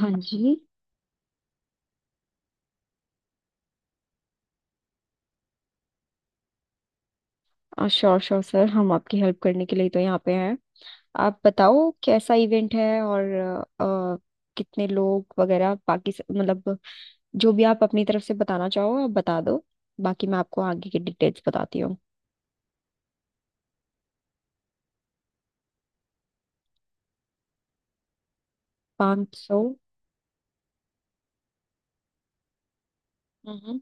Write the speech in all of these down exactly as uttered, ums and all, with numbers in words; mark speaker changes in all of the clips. Speaker 1: हाँ जी। Sure sure sir, हम आपकी हेल्प करने के लिए तो यहाँ पे हैं। आप बताओ कैसा इवेंट है, और अ, अ, कितने लोग वगैरह बाकी स- मतलब जो भी आप अपनी तरफ से बताना चाहो, आप बता दो। बाकी मैं आपको आगे की डिटेल्स बताती हूँ। पाँच सौ। हम्म।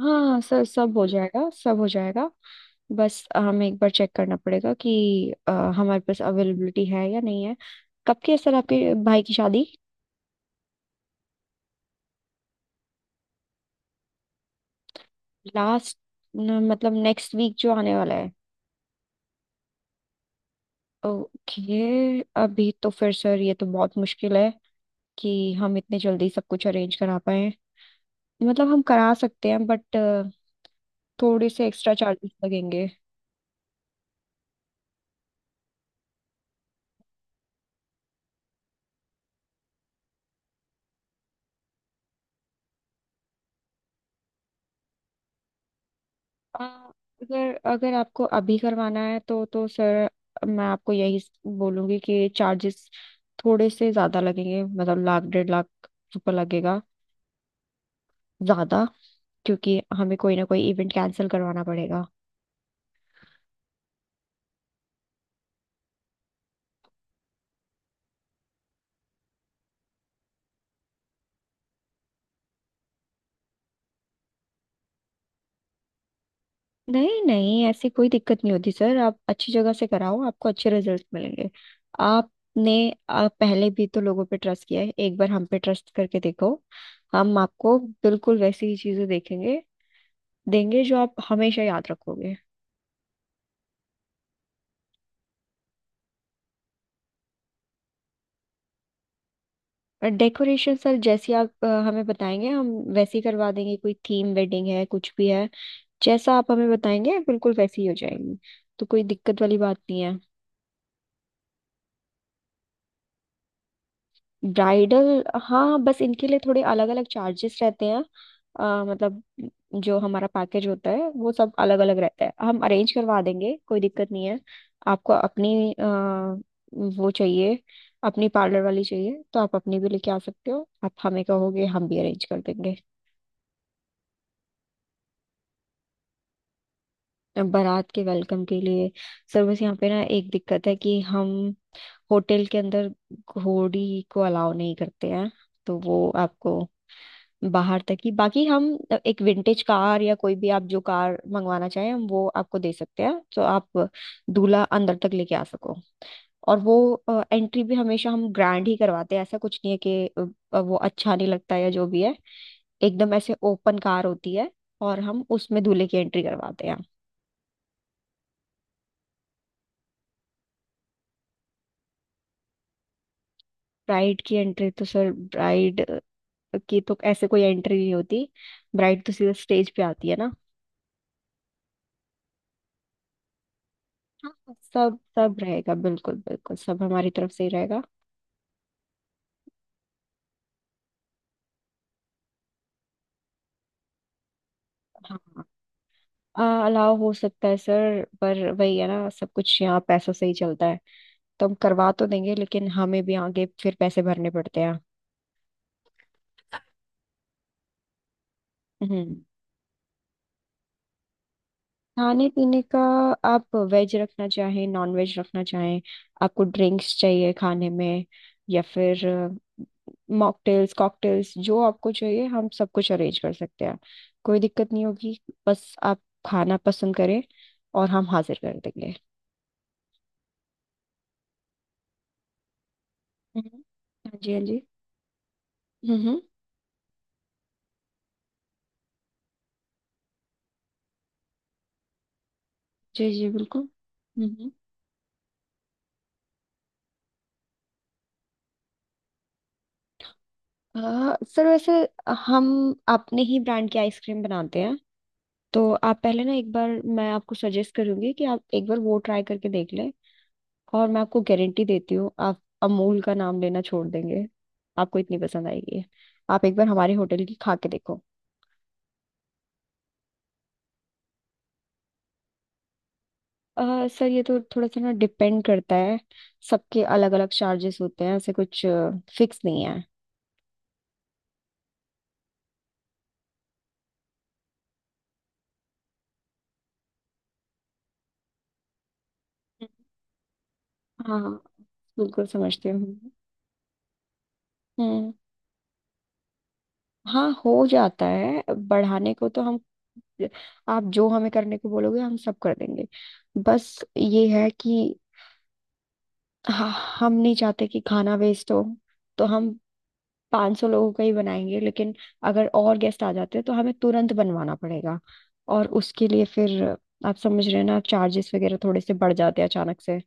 Speaker 1: हाँ सर, सब हो जाएगा सब हो जाएगा। बस हमें एक बार चेक करना पड़ेगा कि अ, हमारे पास अवेलेबिलिटी है या नहीं है। कब की है सर आपके भाई की शादी? लास्ट? मतलब नेक्स्ट वीक जो आने वाला है? ओके, अभी तो फिर सर ये तो बहुत मुश्किल है कि हम इतने जल्दी सब कुछ अरेंज करा पाए। मतलब हम करा सकते हैं, बट थोड़े से एक्स्ट्रा चार्जेस लगेंगे। अ, अगर अगर आपको अभी करवाना है तो तो सर, मैं आपको यही स- बोलूंगी कि चार्जेस थोड़े से ज्यादा लगेंगे। मतलब लाख डेढ़ लाख रुपए लगेगा ज्यादा। क्योंकि हमें कोई ना कोई इवेंट कैंसिल करवाना पड़ेगा। नहीं नहीं, ऐसी कोई दिक्कत नहीं होती सर। आप अच्छी जगह से कराओ, आपको अच्छे रिजल्ट मिलेंगे। आपने आप पहले भी तो लोगों पे ट्रस्ट किया है, एक बार हम पे ट्रस्ट करके देखो। हम आपको बिल्कुल वैसी ही चीजें देखेंगे देंगे जो आप हमेशा याद रखोगे। और डेकोरेशन सर, जैसी आप अ, हमें बताएंगे हम वैसी करवा देंगे। कोई थीम वेडिंग है कुछ भी है, जैसा आप हमें बताएंगे बिल्कुल वैसी ही हो जाएगी। तो कोई दिक्कत वाली बात नहीं है। ब्राइडल, हाँ, बस इनके लिए थोड़े अलग अलग चार्जेस रहते हैं। अ, मतलब जो हमारा पैकेज होता है वो सब अलग अलग रहता है। हम अरेंज करवा देंगे, कोई दिक्कत नहीं है। आपको अपनी अ, वो चाहिए, अपनी पार्लर वाली चाहिए तो आप अपनी भी लेके आ सकते हो। आप हमें कहोगे हम भी अरेंज कर देंगे। बारात के वेलकम के लिए। सर बस यहाँ पे ना एक दिक्कत है कि हम होटल के अंदर घोड़ी को अलाउ नहीं करते हैं, तो वो आपको बाहर तक ही। बाकी हम एक विंटेज कार या कोई भी आप जो कार मंगवाना चाहें हम वो आपको दे सकते हैं, तो आप दूल्हा अंदर तक लेके आ सको। और वो एंट्री भी हमेशा हम ग्रैंड ही करवाते हैं, ऐसा कुछ नहीं है कि अ, वो अच्छा नहीं लगता या जो भी है। एकदम ऐसे ओपन कार होती है और हम उसमें दूल्हे की एंट्री करवाते हैं। ब्राइड की एंट्री तो सर, ब्राइड की तो ऐसे कोई एंट्री नहीं होती। ब्राइड तो सीधा स्टेज पे आती है ना। हाँ, सब सब रहेगा। बिल्कुल बिल्कुल सब हमारी तरफ से ही रहेगा। हाँ, अलाव हो सकता है सर, पर वही है ना, सब कुछ यहाँ पैसों से ही चलता है। तो हम करवा तो देंगे लेकिन हमें भी आगे फिर पैसे भरने पड़ते हैं। हम्म। खाने पीने का, आप वेज रखना चाहें नॉन वेज रखना चाहें, आपको ड्रिंक्स चाहिए खाने में, या फिर मॉकटेल्स कॉकटेल्स, जो आपको चाहिए हम सब कुछ अरेंज कर सकते हैं। कोई दिक्कत नहीं होगी। बस आप खाना पसंद करें और हम हाजिर कर देंगे। हम्म। हाँ जी, हाँ जी। हम्म। जी जी, बिल्कुल। हम्म। आ, सर वैसे हम अपने ही ब्रांड की आइसक्रीम बनाते हैं। तो आप पहले ना एक बार, मैं आपको सजेस्ट करूंगी कि आप एक बार वो ट्राई करके देख लें, और मैं आपको गारंटी देती हूँ, आप अमूल का नाम लेना छोड़ देंगे, आपको इतनी पसंद आएगी। आप एक बार हमारे होटल की खा के देखो। आ, सर ये तो थोड़ा सा ना डिपेंड करता है। सबके अलग अलग चार्जेस होते हैं, ऐसे कुछ फिक्स नहीं है। हाँ हाँ, बिल्कुल समझती हूँ। हम्म। हाँ, हो जाता है। बढ़ाने को तो हम आप जो हमें करने को बोलोगे हम सब कर देंगे। बस ये है कि हाँ, हम नहीं चाहते कि खाना वेस्ट हो, तो हम पाँच सौ लोगों का ही बनाएंगे, लेकिन अगर और गेस्ट आ जाते हैं तो हमें तुरंत बनवाना पड़ेगा। और उसके लिए फिर, आप समझ रहे हैं ना, चार्जेस वगैरह थोड़े से बढ़ जाते हैं अचानक से।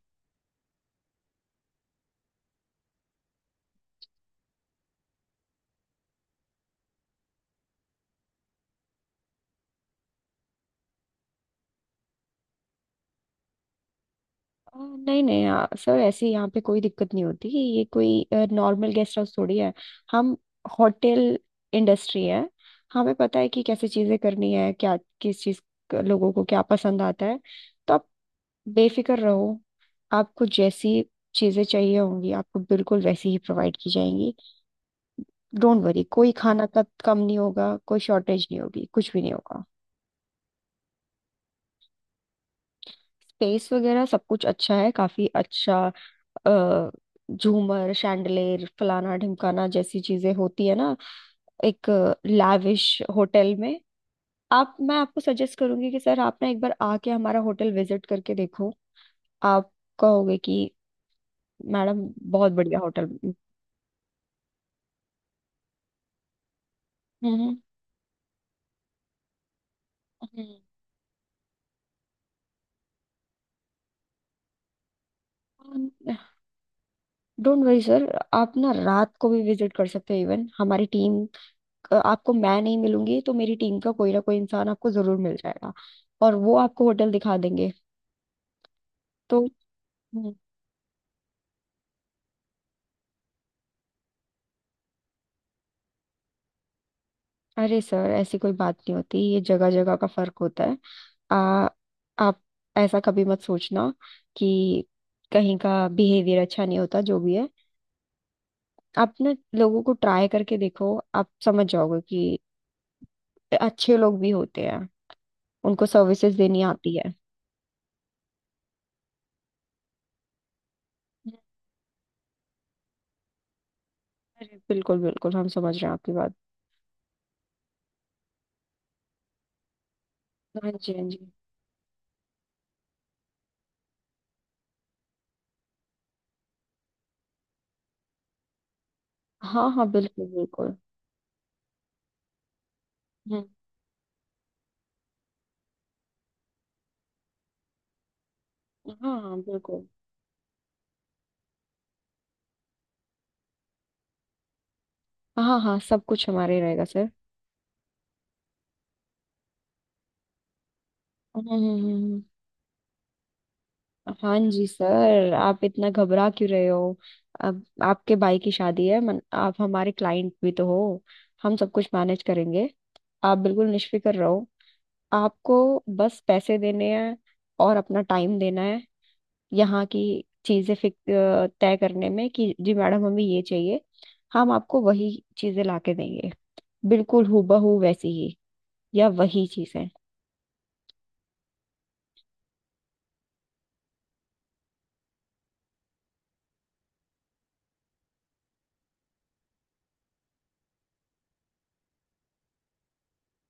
Speaker 1: आ, नहीं नहीं, आ, सर ऐसे यहाँ पे कोई दिक्कत नहीं होती। ये कोई नॉर्मल गेस्ट हाउस थोड़ी है, हम होटल इंडस्ट्री है। हमें पता है कि कैसे चीजें करनी है, क्या किस चीज, क- लोगों को क्या पसंद आता है। तो आप बेफिक्र रहो, आपको जैसी चीजें चाहिए होंगी आपको बिल्कुल वैसी ही प्रोवाइड की जाएंगी। डोंट वरी, कोई खाना का कम नहीं होगा, कोई शॉर्टेज नहीं होगी, कुछ भी नहीं होगा। स्पेस वगैरह सब कुछ अच्छा है, काफी अच्छा। अ, झूमर शैंडलेर फलाना ढिमकाना जैसी चीजें होती है ना एक लैविश होटल में। आप मैं आपको सजेस्ट करूंगी कि सर आप ना एक बार आके हमारा होटल विजिट करके देखो। आप कहोगे कि मैडम, बहुत बढ़िया होटल। हम्म हम्म। डोंट वरी सर, आप ना रात को भी विजिट कर सकते हो। इवन हमारी टीम, अ, आपको मैं नहीं मिलूंगी तो मेरी टीम का कोई ना कोई इंसान आपको जरूर मिल जाएगा, और वो आपको होटल दिखा देंगे। तो हम्म, अरे सर ऐसी कोई बात नहीं होती, ये जगह जगह का फर्क होता है। आ, आप ऐसा कभी मत सोचना कि कहीं का बिहेवियर अच्छा नहीं होता जो भी है। आप ना लोगों को ट्राई करके देखो, आप समझ जाओगे कि अच्छे लोग भी होते हैं, उनको सर्विसेज देनी आती है। अरे बिल्कुल बिल्कुल, हम समझ रहे हैं आपकी बात। हाँ जी, हाँ जी। हाँ हाँ बिल्कुल बिल्कुल। हम्म। हाँ हाँ बिल्कुल। हाँ हाँ, सब कुछ हमारे रहेगा सर। हम्म हम्म। हम्म। हाँ जी सर, आप इतना घबरा क्यों रहे हो? अब आपके भाई की शादी है मन, आप हमारे क्लाइंट भी तो हो। हम सब कुछ मैनेज करेंगे, आप बिल्कुल निश्फिक्र रहो। आपको बस पैसे देने हैं, और अपना टाइम देना है यहाँ की चीज़ें फिक अ, तय करने में, कि जी मैडम, हमें ये चाहिए। हम आपको वही चीज़ें ला के देंगे, बिल्कुल हूबहू वैसी ही, या वही चीज़ें।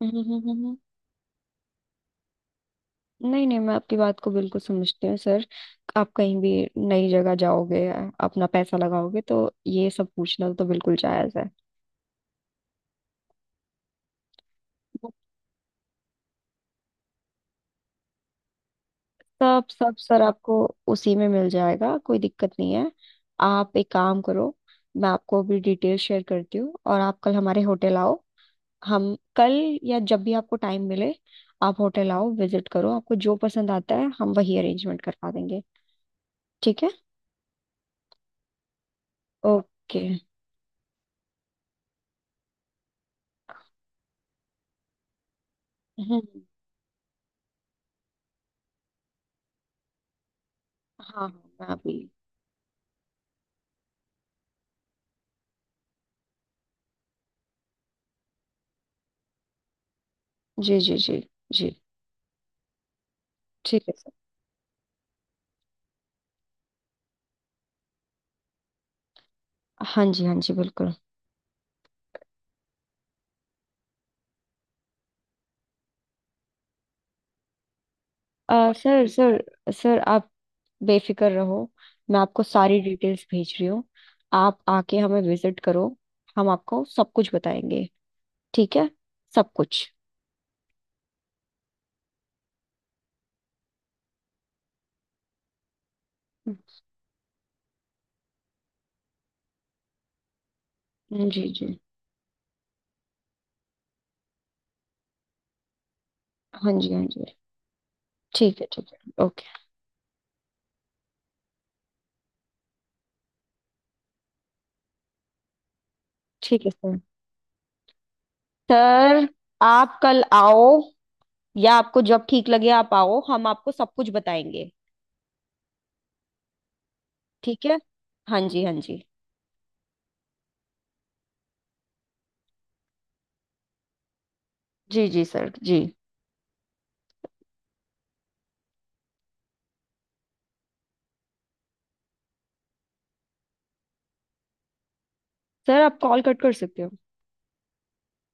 Speaker 1: नहीं नहीं, मैं आपकी बात को बिल्कुल समझती हूँ सर। आप कहीं भी नई जगह जाओगे अपना पैसा लगाओगे, तो ये सब पूछना तो बिल्कुल जायज है। सब सब सर, आपको उसी में मिल जाएगा, कोई दिक्कत नहीं है। आप एक काम करो, मैं आपको अभी डिटेल शेयर करती हूँ और आप कल हमारे होटल आओ। हम कल या जब भी आपको टाइम मिले आप होटल आओ, विजिट करो। आपको जो पसंद आता है हम वही अरेंजमेंट करवा देंगे, ठीक है? ओके। हम्म। हाँ हाँ। मैं अभी। जी जी। जी जी। ठीक है सर। हाँ जी, हाँ जी, बिल्कुल। अ, सर सर सर, आप बेफिक्र रहो। मैं आपको सारी डिटेल्स भेज रही हूँ, आप आके हमें विजिट करो। हम आपको सब कुछ बताएंगे, ठीक है? सब कुछ। जी जी। हाँ जी, हाँ जी। ठीक है ठीक है। ओके। ठीक है सर। सर, आप कल आओ, या आपको जब ठीक लगे आप आओ, हम आपको सब कुछ बताएंगे, ठीक है? हाँ जी, हाँ जी। जी जी सर। जी सर, आप कॉल कट कर सकते हो।